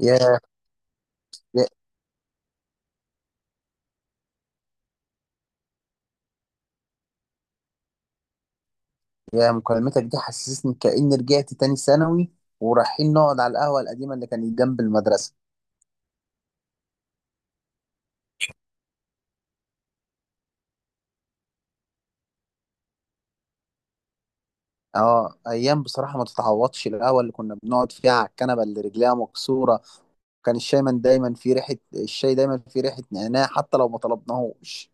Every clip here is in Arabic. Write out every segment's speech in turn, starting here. يا يا يا مكالمتك دي حسسني كأني رجعت تاني ثانوي، ورايحين نقعد على القهوة القديمة اللي كانت جنب المدرسة. اه، ايام بصراحة ما تتعوضش. القهوة اللي كنا بنقعد فيها على الكنبة اللي رجليها مكسورة، كان الشاي من دايما في ريحة، الشاي دايما في ريحة نعناع حتى لو ما طلبناهوش.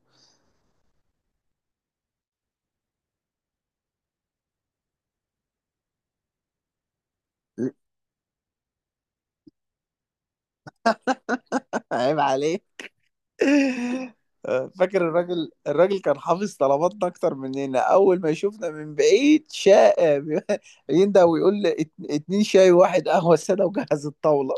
عيب عليه. فاكر الراجل كان حافظ طلباتنا اكتر مننا، اول ما يشوفنا من بعيد شاء يندى ويقول لي اتنين شاي وواحد قهوه ساده وجهز الطاوله.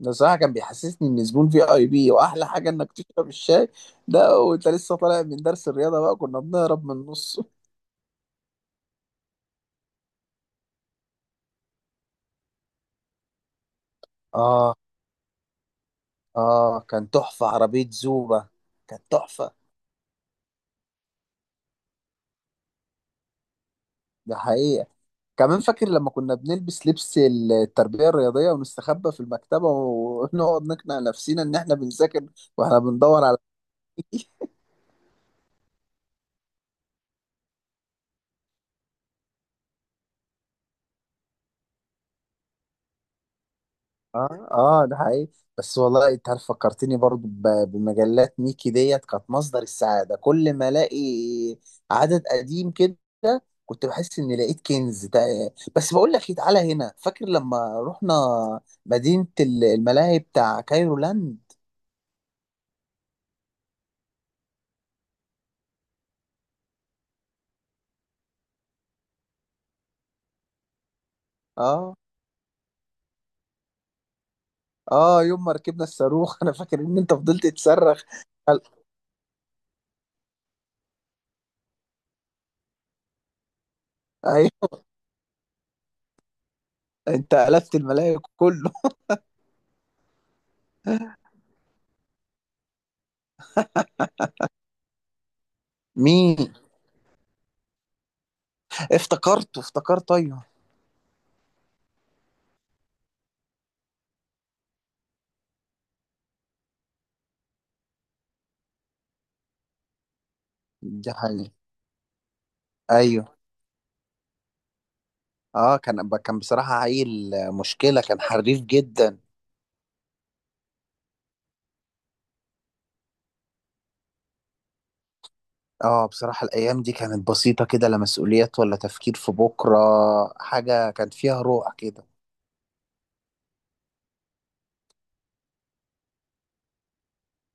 ده صراحة كان بيحسسني إن زبون في أي بي، وأحلى حاجة إنك تشرب الشاي، ده وأنت لسه طالع من درس الرياضة، بقى كنا بنهرب من النص. آه، آه، كان تحفة عربية زوبة، كانت تحفة. ده حقيقة. كمان فاكر لما كنا بنلبس لبس التربية الرياضية ونستخبى في المكتبة ونقعد نقنع نفسنا إن إحنا بنذاكر وإحنا بندور على اه، اه، ده حقيقي. بس والله انت عارف فكرتني برضو بمجلات ميكي ديت، كانت مصدر السعادة. كل ما الاقي عدد قديم كده، كنت بحس اني لقيت كنز. ده بس بقول لك ايه، تعالى هنا فاكر لما رحنا مدينة الملاهي بتاع كايرو لاند. اه، اه، يوم ما ركبنا الصاروخ انا فاكر ان انت فضلت تصرخ. قال- ايوه، انت قلبت الملاهي كله. مين؟ افتكرته، افتكرته، ايوه. ده حقيقي. ايوه. اه، كان بصراحة عيل مشكلة، كان حريف جدا. اه بصراحة الأيام دي كانت بسيطة كده، لا مسؤوليات ولا تفكير في بكرة. حاجة كان فيها روح كده.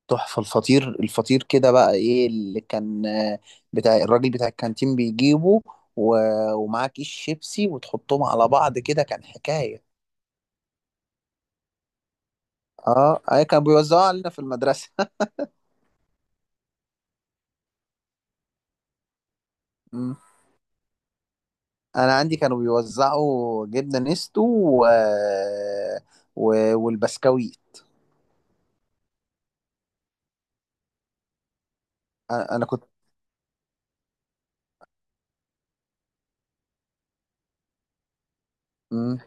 تحفة. الفطير الفطير كده بقى، ايه اللي كان، بتاع الراجل بتاع الكانتين بيجيبه، و... ومعاه كيس شيبسي وتحطهم على بعض كده، كان حكاية. اه، اي كانوا بيوزعوا علينا في المدرسة. مم. انا عندي كانوا بيوزعوا جبنة نستو، و... و... والبسكويت. انا كنت. مم.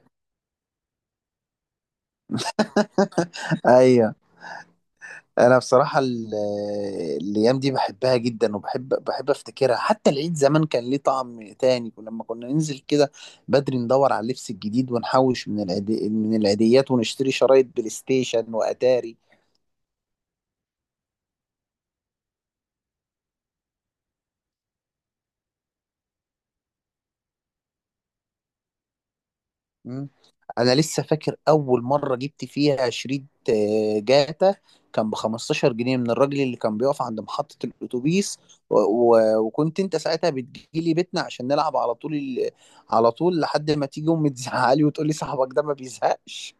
ايوه. انا بصراحه الايام دي بحبها جدا، وبحب افتكرها. حتى العيد زمان كان ليه طعم تاني لما كنا ننزل كده بدري ندور على اللبس الجديد، ونحوش من العيديات، ونشتري شرايط بلاي ستيشن واتاري. مم. انا لسه فاكر اول مره جبت فيها شريط جاتا، كان ب 15 جنيه من الراجل اللي كان بيقف عند محطه الاتوبيس، و... و... وكنت انت ساعتها بتجيلي بيتنا عشان نلعب على طول على طول لحد ما تيجي امي تزعلي وتقول لي صاحبك ده ما بيزهقش.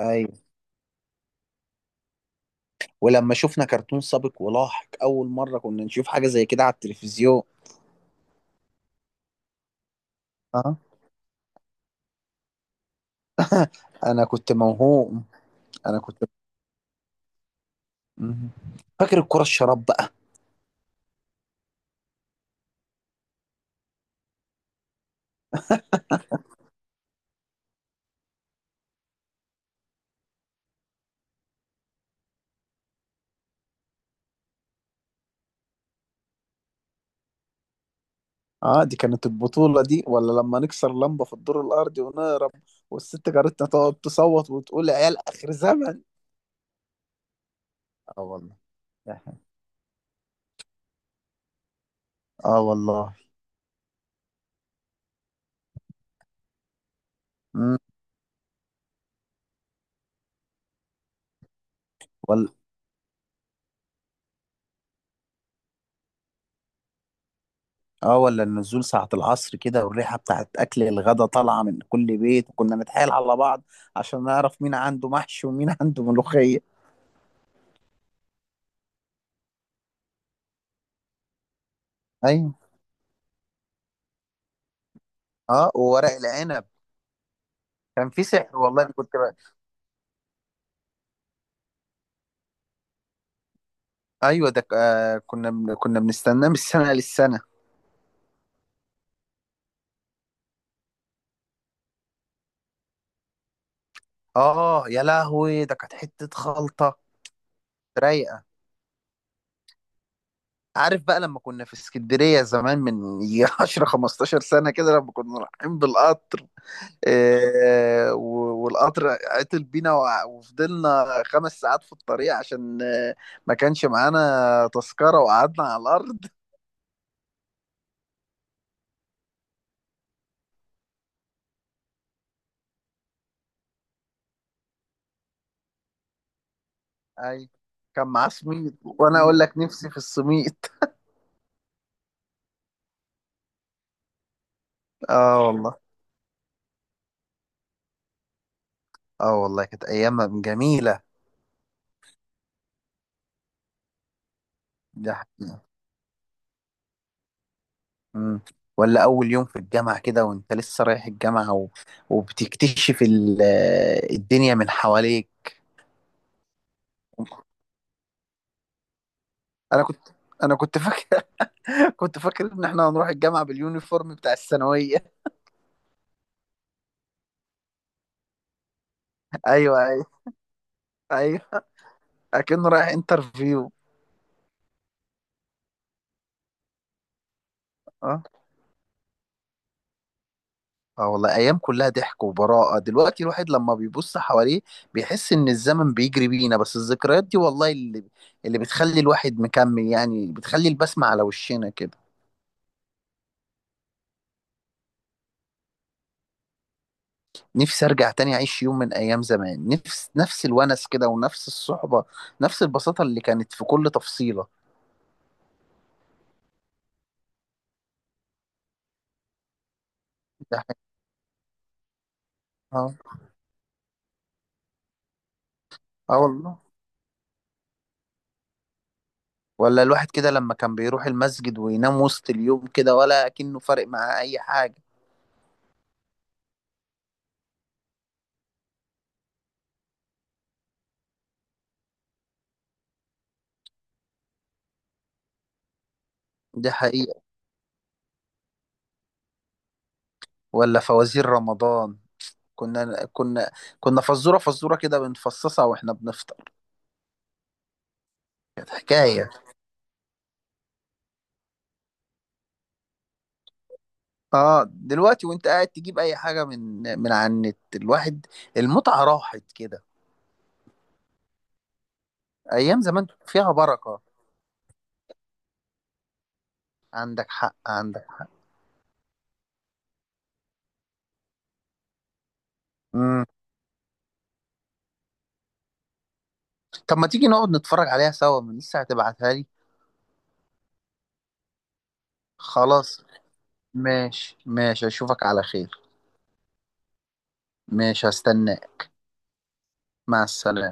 ايوه، ولما شفنا كرتون سابق ولاحق اول مره، كنا نشوف حاجه زي كده على التلفزيون. اه، انا كنت موهوم. انا كنت. مم. فاكر الكره الشراب؟ اه، دي كانت البطولة دي، ولا لما نكسر لمبة في الدور الأرضي ونهرب والست جارتنا تقعد تصوت وتقول يا عيال آخر زمن. اه والله. اه والله. امم. ولا. اه، ولا النزول ساعة العصر كده والريحة بتاعت أكل الغدا طالعة من كل بيت، وكنا نتحايل على بعض عشان نعرف مين عنده محشي ومين عنده ملوخية. ايوه. اه، وورق العنب كان في سحر والله. أنا كنت بقى. ايوه، ده كنا بنستناه من السنة للسنة. اه يا لهوي، ده كانت حتة خلطة رايقه. عارف بقى لما كنا في اسكندريه زمان من يجي 10 15 سنه كده، لما كنا رايحين بالقطر، والقطر عطل بينا، وفضلنا 5 ساعات في الطريق عشان ما كانش معانا تذكره، وقعدنا على الارض. اي، كان معاه سميط، وانا اقول لك نفسي في السميط. اه والله. اه والله كانت ايام جميله. ده. مم. ولا أول يوم في الجامعة كده، وأنت لسه رايح الجامعة، و... وبتكتشف الدنيا من حواليك. أنا كنت أنا كنت فاكر. كنت فاكر إن إحنا هنروح الجامعة باليونيفورم بتاع الثانوية. أيوه، أيوه. أيوه، أكنه رايح انترفيو. أه، آه والله أيام كلها ضحك وبراءة. دلوقتي الواحد لما بيبص حواليه بيحس إن الزمن بيجري بينا، بس الذكريات دي والله اللي بتخلي الواحد مكمل، يعني بتخلي البسمة على وشنا كده. نفسي ارجع تاني اعيش يوم من ايام زمان، نفس الونس كده، ونفس الصحبه، نفس البساطه اللي كانت في كل تفصيله. ده حقيقي. اه. اه والله. ولا الواحد كده لما كان بيروح المسجد وينام وسط اليوم كده، ولا كأنه فارق معاه اي حاجه. ده حقيقة. ولا فوازير رمضان، كنا كنا كنا فزوره فزوره كده بنفصصها واحنا بنفطر. كانت حكايه. اه، دلوقتي وانت قاعد تجيب اي حاجه من على النت، الواحد المتعه راحت كده. ايام زمان فيها بركه. عندك حق، عندك حق. مم. طب ما تيجي نقعد نتفرج عليها سوا، من لسه هتبعتها لي؟ خلاص. ماشي، ماشي، اشوفك على خير. ماشي، هستناك. مع السلامة.